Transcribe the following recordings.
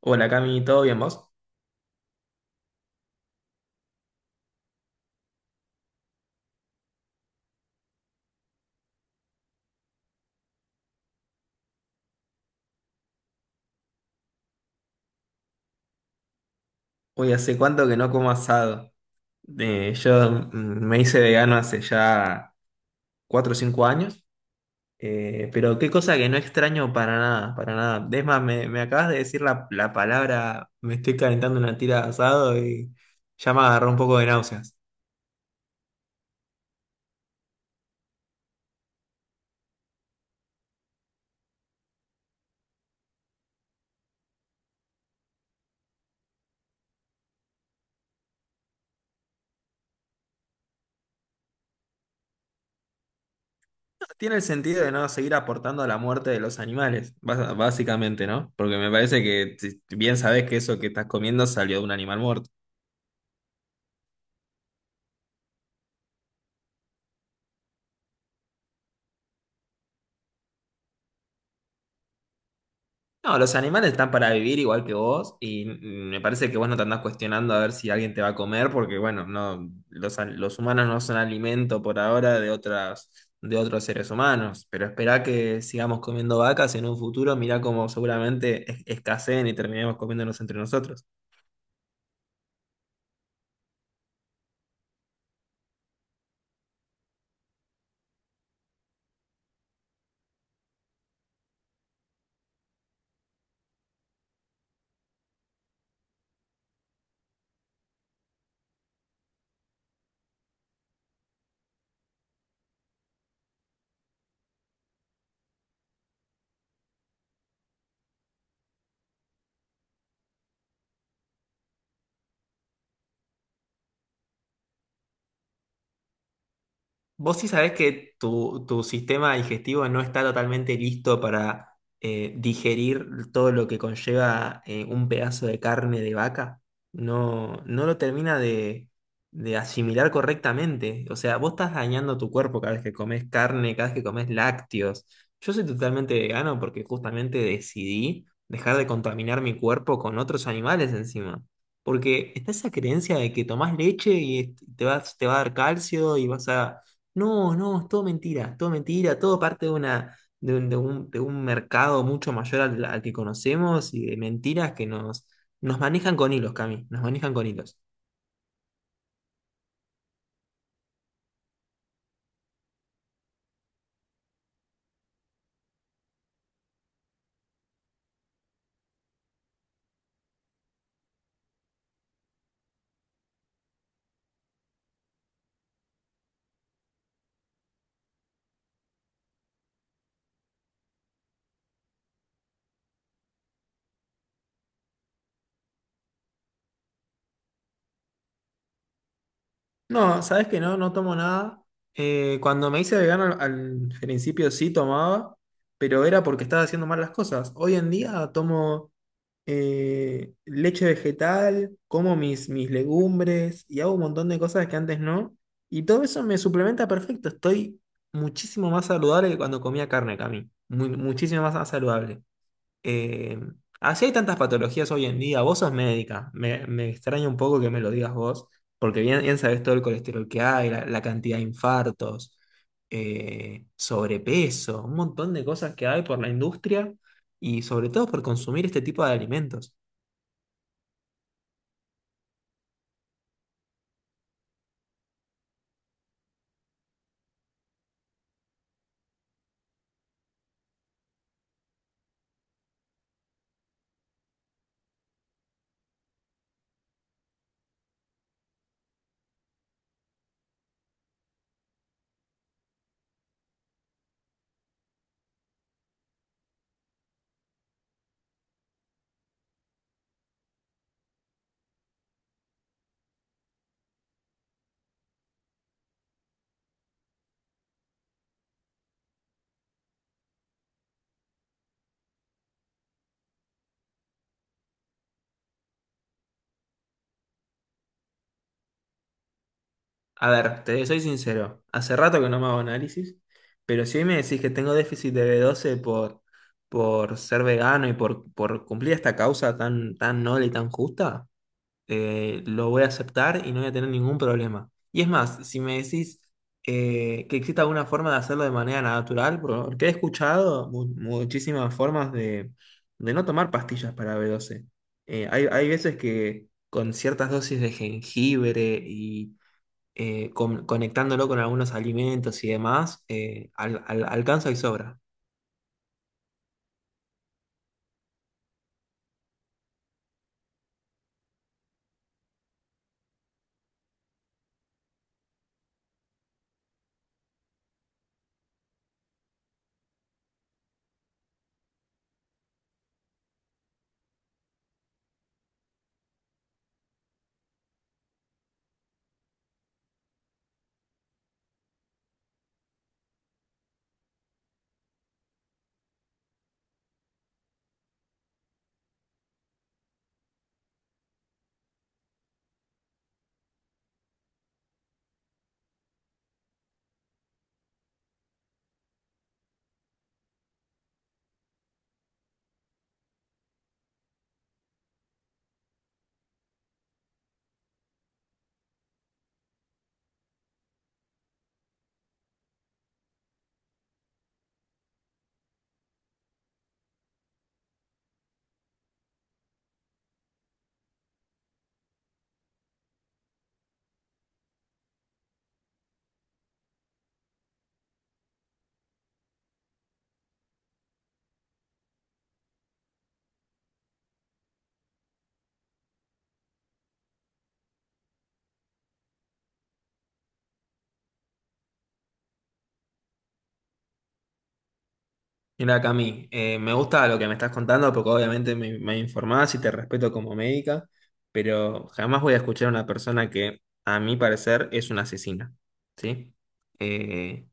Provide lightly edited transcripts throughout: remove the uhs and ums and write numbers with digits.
Hola Cami, ¿todo bien vos? Hoy hace cuánto que no como asado. Yo me hice vegano hace ya 4 o 5 años, pero qué cosa que no extraño para nada, para nada. Es más, me acabas de decir la palabra, me estoy calentando una tira de asado y ya me agarró un poco de náuseas. Tiene el sentido de no seguir aportando a la muerte de los animales, básicamente, ¿no? Porque me parece que bien sabés que eso que estás comiendo salió de un animal muerto. No, los animales están para vivir igual que vos y me parece que vos no te andás cuestionando a ver si alguien te va a comer porque, bueno, no, los humanos no son alimento por ahora de otras, de otros seres humanos, pero esperá que sigamos comiendo vacas en un futuro, mirá cómo seguramente escaseen y terminemos comiéndonos entre nosotros. Vos sí sabés que tu sistema digestivo no está totalmente listo para digerir todo lo que conlleva un pedazo de carne de vaca. No, no lo termina de asimilar correctamente. O sea, vos estás dañando tu cuerpo cada vez que comes carne, cada vez que comes lácteos. Yo soy totalmente vegano porque justamente decidí dejar de contaminar mi cuerpo con otros animales encima. Porque está esa creencia de que tomás leche y te vas, te va a dar calcio y vas a no, no, es todo mentira, todo mentira, todo parte de una, de un, de un, de un mercado mucho mayor al que conocemos y de mentiras que nos, nos manejan con hilos, Cami, nos manejan con hilos. No, sabes que no, no tomo nada. Cuando me hice vegano al principio sí tomaba, pero era porque estaba haciendo mal las cosas. Hoy en día tomo leche vegetal, como mis legumbres y hago un montón de cosas que antes no. Y todo eso me suplementa perfecto. Estoy muchísimo más saludable que cuando comía carne, Cami. Muchísimo más saludable. Eh, Así hay tantas patologías hoy en día. Vos sos médica. Me extraña un poco que me lo digas vos, porque bien, bien sabés todo el colesterol que hay, la cantidad de infartos, sobrepeso, un montón de cosas que hay por la industria y sobre todo por consumir este tipo de alimentos. A ver, te soy sincero, hace rato que no me hago análisis, pero si hoy me decís que tengo déficit de B12 por ser vegano y por cumplir esta causa tan, tan noble y tan justa. Lo voy a aceptar y no voy a tener ningún problema. Y es más, si me decís que existe alguna forma de hacerlo de manera natural, porque he escuchado muchísimas formas de no tomar pastillas para B12. Hay, hay veces que con ciertas dosis de jengibre y conectándolo con algunos alimentos y demás, alcanza y sobra. Mira, Cami, me gusta lo que me estás contando porque obviamente me informás y te respeto como médica, pero jamás voy a escuchar a una persona que, a mi parecer, es una asesina, ¿sí? Eh,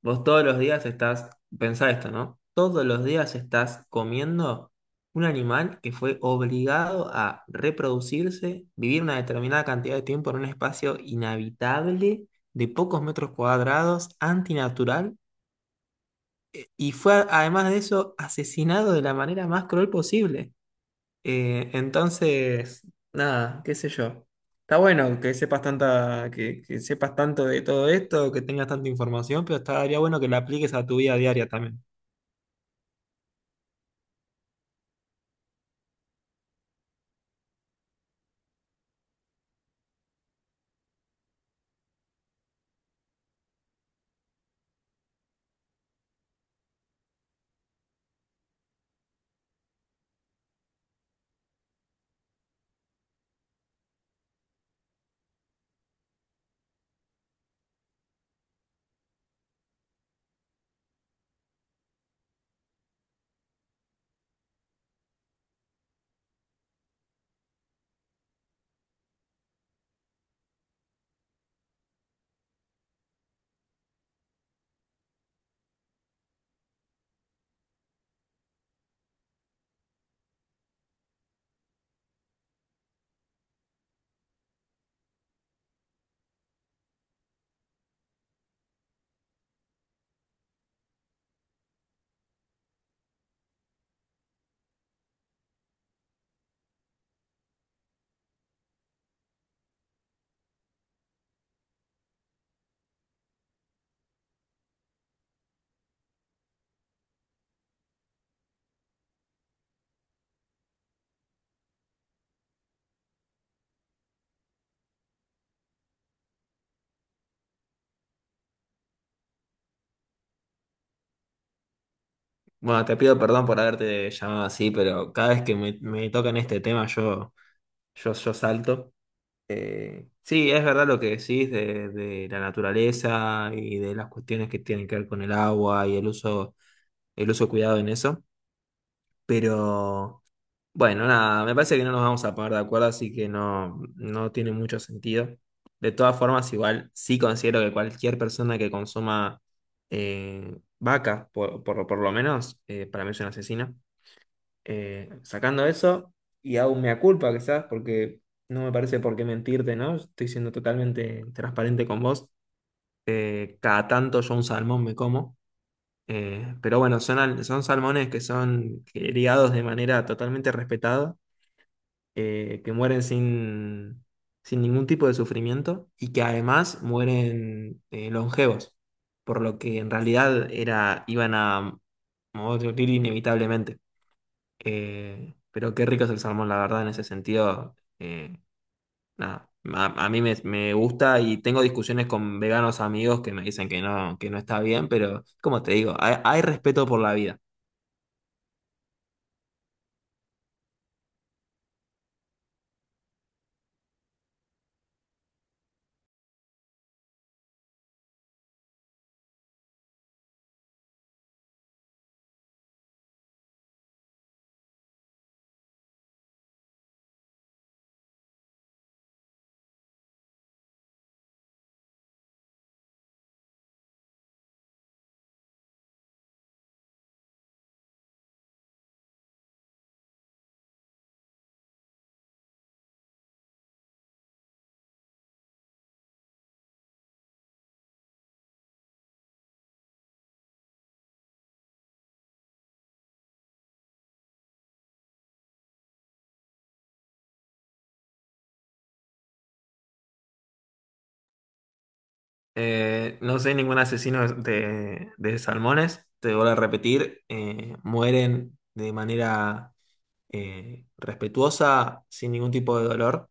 Vos todos los días estás, pensá esto, ¿no? Todos los días estás comiendo un animal que fue obligado a reproducirse, vivir una determinada cantidad de tiempo en un espacio inhabitable de pocos metros cuadrados, antinatural y fue, además de eso, asesinado de la manera más cruel posible. Entonces, nada, qué sé yo. Está bueno que sepas tanta, que sepas tanto de todo esto, que tengas tanta información, pero estaría bueno que la apliques a tu vida diaria también. Bueno, te pido perdón por haberte llamado así, pero cada vez que me tocan este tema yo salto. Sí, es verdad lo que decís de la naturaleza y de las cuestiones que tienen que ver con el agua y el uso cuidado en eso. Pero bueno, nada, me parece que no nos vamos a poner de acuerdo, así que no, no tiene mucho sentido. De todas formas, igual sí considero que cualquier persona que consuma vaca, por, por lo menos, para mí es una asesina. Sacando eso, y aún me culpa quizás, porque no me parece por qué mentirte, ¿no? Estoy siendo totalmente transparente con vos. Cada tanto yo un salmón me como. Pero bueno, son, son salmones que son criados de manera totalmente respetada, que mueren sin, sin ningún tipo de sufrimiento y que además mueren longevos, por lo que en realidad era, iban a morir inevitablemente. Pero qué rico es el salmón, la verdad, en ese sentido. Nada, a mí me gusta y tengo discusiones con veganos amigos que me dicen que no está bien, pero como te digo, hay respeto por la vida. No soy ningún asesino de salmones, te voy a repetir, mueren de manera respetuosa, sin ningún tipo de dolor,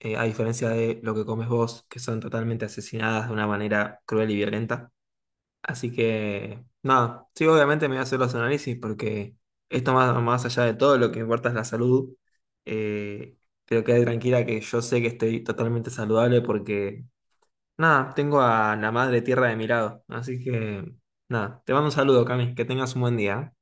a diferencia de lo que comes vos, que son totalmente asesinadas de una manera cruel y violenta. Así que, nada, sí, obviamente me voy a hacer los análisis porque esto más, más allá de todo, lo que importa es la salud. Eh, pero quede tranquila que yo sé que estoy totalmente saludable porque... Nada, tengo a la madre tierra de mi lado. Así que, nada, te mando un saludo, Cami. Que tengas un buen día.